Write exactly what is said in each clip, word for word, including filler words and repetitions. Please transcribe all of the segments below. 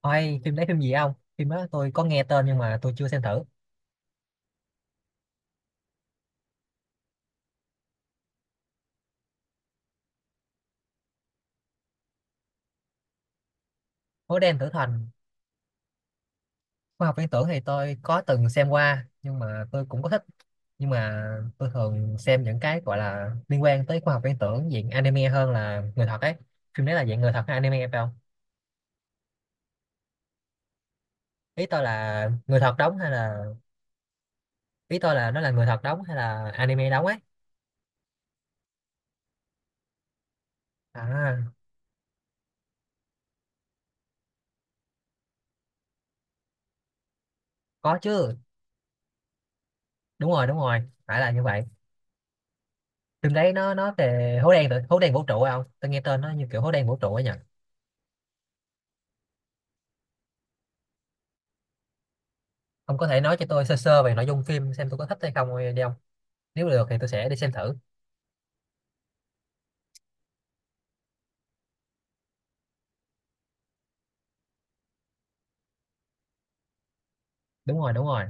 Ôi, phim đấy phim gì không? Phim đó tôi có nghe tên nhưng mà tôi chưa xem thử. Hố đen tử thần, khoa học viễn tưởng thì tôi có từng xem qua nhưng mà tôi cũng có thích. Nhưng mà tôi thường xem những cái gọi là liên quan tới khoa học viễn tưởng diện anime hơn là người thật ấy. Phim đấy là dạng người thật hay anime phải không? Ý tôi là người thật đóng hay là ý tôi là nó là người thật đóng hay là anime đóng ấy. À, có chứ. Đúng rồi, đúng rồi. Phải là như vậy. Phim đấy nó nó về hố đen tử- hố đen vũ trụ phải không? Tôi nghe tên nó như kiểu hố đen vũ trụ ấy nhỉ? Ông có thể nói cho tôi sơ sơ về nội dung phim xem tôi có thích hay không đi ông, nếu được thì tôi sẽ đi xem thử. Đúng rồi, đúng rồi.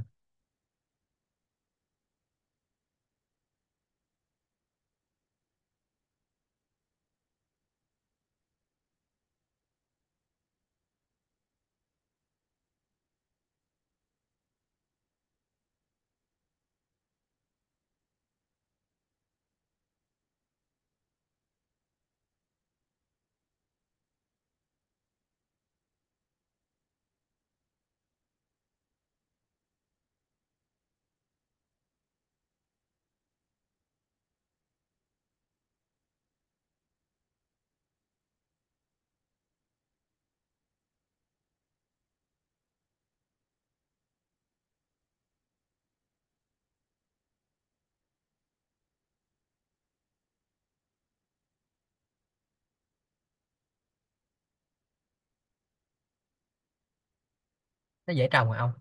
Nó dễ trồng mà ông.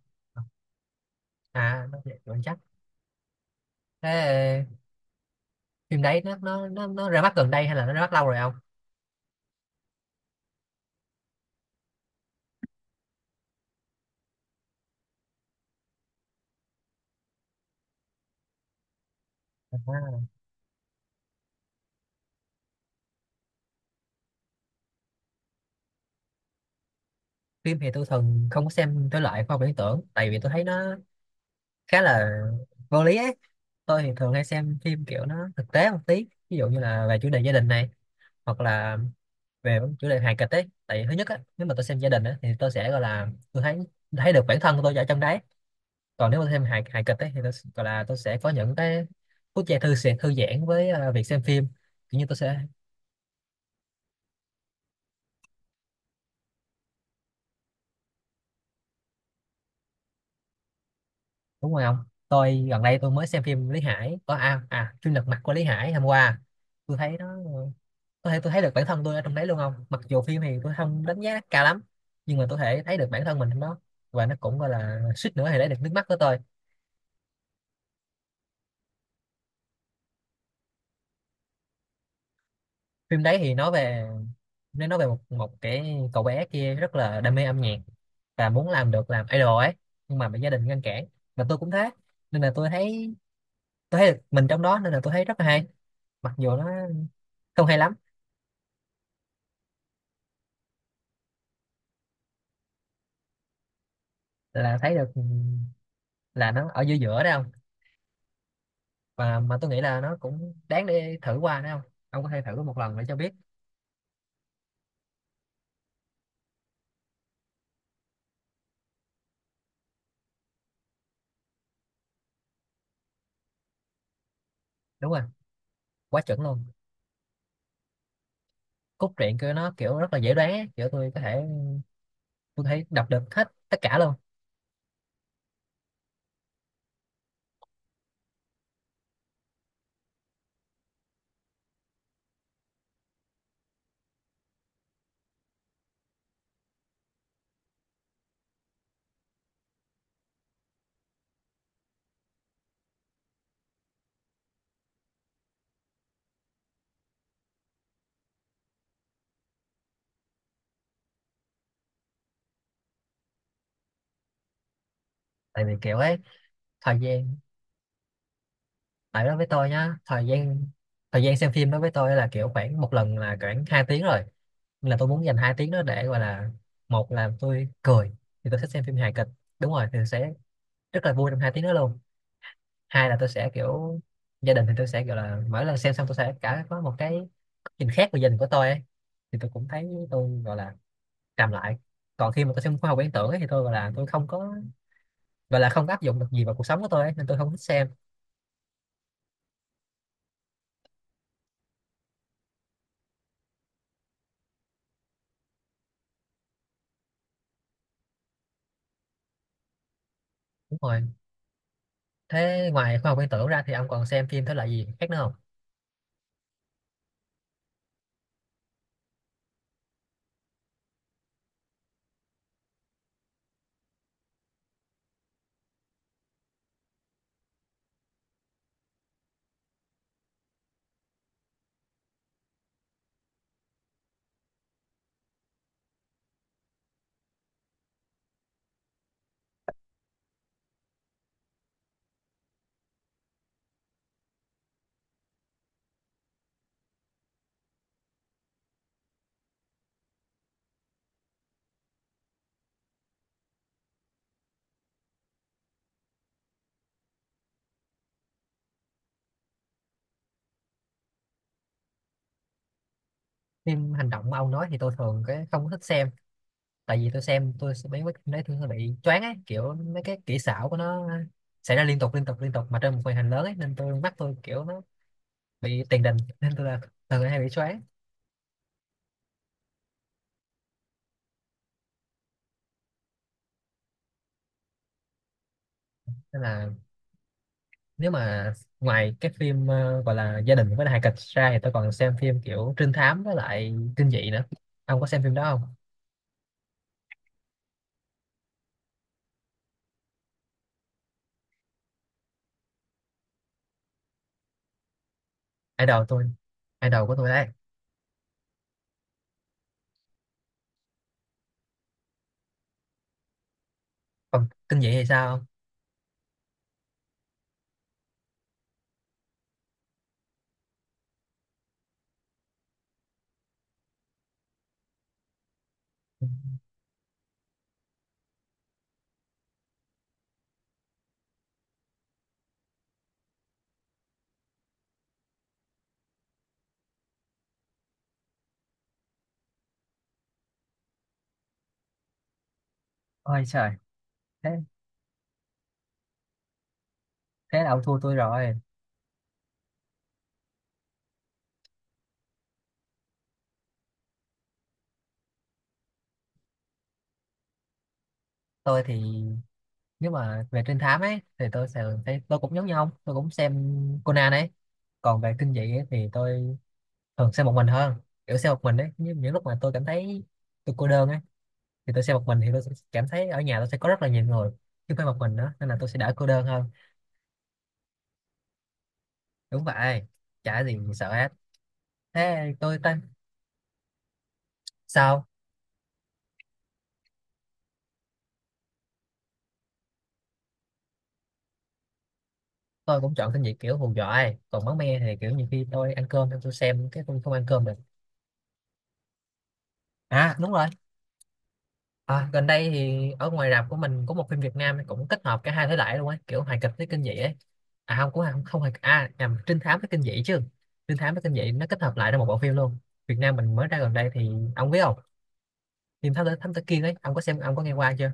À, nó dễ trồng chắc. Thế phim đấy nó nó nó nó ra mắt gần đây hay là nó ra mắt lâu rồi ông? à, Phim thì tôi thường không có xem thể loại khoa học viễn tưởng, tại vì tôi thấy nó khá là vô lý ấy. Tôi thì thường hay xem phim kiểu nó thực tế một tí, ví dụ như là về chủ đề gia đình này, hoặc là về chủ đề hài kịch ấy. Tại thứ nhất á, nếu mà tôi xem gia đình á thì tôi sẽ gọi là tôi thấy thấy được bản thân tôi ở trong đấy. Còn nếu mà thêm hài hài kịch ấy, thì tôi s- gọi là tôi sẽ có những cái phút giây thư sẽ thư giãn với ờ, việc xem phim, kiểu như tôi sẽ. Đúng rồi không. Tôi gần đây tôi mới xem phim Lý Hải có à, à chuyên lật mặt của Lý Hải hôm qua. Tôi thấy nó, ờ, có thể tôi thấy được bản thân tôi ở trong đấy luôn không, mặc dù phim thì tôi không đánh giá cao lắm, nhưng mà tôi thể thấy được bản thân mình trong đó. Và nó cũng gọi là suýt nữa thì lấy được nước mắt của tôi. Phim đấy thì nói về, nó nói về một một cái cậu bé kia rất là đam mê âm nhạc và muốn làm được làm idol ấy, nhưng mà bị gia đình ngăn cản. Và tôi cũng thế, nên là tôi thấy, tôi thấy được mình trong đó nên là tôi thấy rất là hay, mặc dù nó không hay lắm. Là thấy được, là nó ở giữa giữa đấy không, và mà tôi nghĩ là nó cũng đáng để thử qua đấy không. Ông có thể thử một lần để cho biết. Đúng rồi. Quá chuẩn luôn. Cốt truyện của nó kiểu rất là dễ đoán ấy. Kiểu tôi có thể tôi thấy đọc được hết tất cả luôn. Tại vì kiểu ấy, thời gian, tại đó với tôi nhá, thời gian, thời gian xem phim đó với tôi là kiểu khoảng một lần là khoảng hai tiếng rồi, nên là tôi muốn dành hai tiếng đó để gọi là một là tôi cười, thì tôi thích xem phim hài kịch. Đúng rồi, thì sẽ rất là vui trong hai tiếng đó luôn. Hai là tôi sẽ kiểu gia đình thì tôi sẽ gọi là mỗi lần xem xong tôi sẽ cả có một cái nhìn khác về gia đình của tôi ấy. Thì tôi cũng thấy tôi gọi là trầm lại. Còn khi mà tôi xem khoa học viễn tưởng ấy, thì tôi gọi là tôi không có, gọi là không có áp dụng được gì vào cuộc sống của tôi ấy, nên tôi không thích xem. Đúng rồi. Thế ngoài khoa học viễn tưởng ra thì ông còn xem phim thể loại gì khác nữa không? Phim hành động mà ông nói thì tôi thường cái không có thích xem, tại vì tôi xem tôi sẽ mấy mấy mấy thứ hơi bị choáng ấy, kiểu mấy cái kỹ xảo của nó xảy ra liên tục liên tục liên tục mà trên một màn hình lớn ấy, nên tôi mắt tôi kiểu nó bị tiền đình nên tôi là thường hay bị choáng. Nên là nếu mà ngoài cái phim ờ, gọi là gia đình với hài kịch ra thì tôi còn xem phim kiểu trinh thám với lại kinh dị nữa. Ông có xem phim đó không? Idol tôi, idol của tôi đấy. Còn kinh dị thì sao? Ôi trời, thế thế là ông thua tôi rồi. Tôi thì nếu mà về trinh thám ấy thì tôi sẽ thấy tôi cũng giống như ông, tôi cũng xem Conan ấy. Còn về kinh dị ấy, thì tôi thường xem một mình hơn. Kiểu xem một mình ấy, những, những lúc mà tôi cảm thấy tôi cô đơn ấy, thì tôi xem một mình thì tôi sẽ cảm thấy ở nhà tôi sẽ có rất là nhiều người, chứ không phải một mình nữa, nên là tôi sẽ đỡ cô đơn hơn. Đúng vậy, chả gì sợ hết. Thế tôi tên sao. Tôi cũng chọn kinh dị kiểu hù dọa ấy. Còn máu me thì kiểu nhiều khi tôi ăn cơm xong tôi xem cái tôi không ăn cơm được. À đúng rồi. À, gần đây thì ở ngoài rạp của mình có một phim Việt Nam cũng kết hợp cả hai thể loại luôn ấy, kiểu hài kịch với kinh dị ấy. À không, cũng không không hài, à nhầm, trinh thám với kinh dị chứ. Trinh thám với kinh dị nó kết hợp lại ra một bộ phim luôn. Việt Nam mình mới ra gần đây thì ông biết không? Phim thám tử thám tử Kiên ấy, ông có xem ông có nghe qua chưa?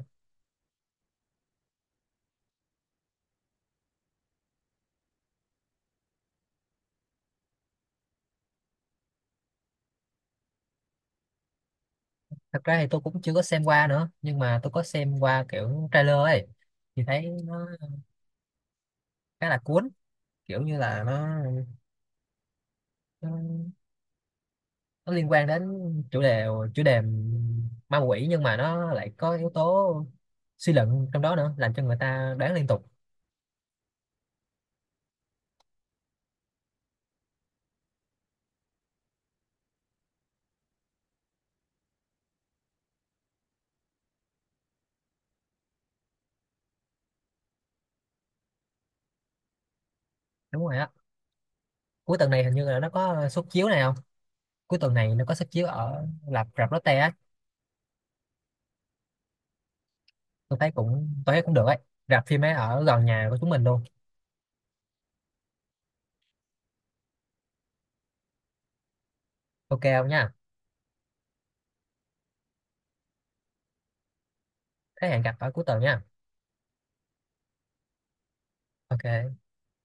Thật ra thì tôi cũng chưa có xem qua nữa, nhưng mà tôi có xem qua kiểu trailer ấy, thì thấy nó khá là cuốn. Kiểu như là nó, nó nó liên quan đến chủ đề, chủ đề ma quỷ, nhưng mà nó lại có yếu tố suy luận trong đó nữa, làm cho người ta đoán liên tục. Đúng rồi á. Cuối tuần này hình như là nó có suất chiếu này không. Cuối tuần này nó có suất chiếu ở rạp rạp Lotte á. Tôi thấy cũng, tôi thấy cũng được ấy. Rạp phim ấy ở gần nhà của chúng mình luôn. Ok không nha. Thế hẹn gặp ở cuối tuần nha. Ok.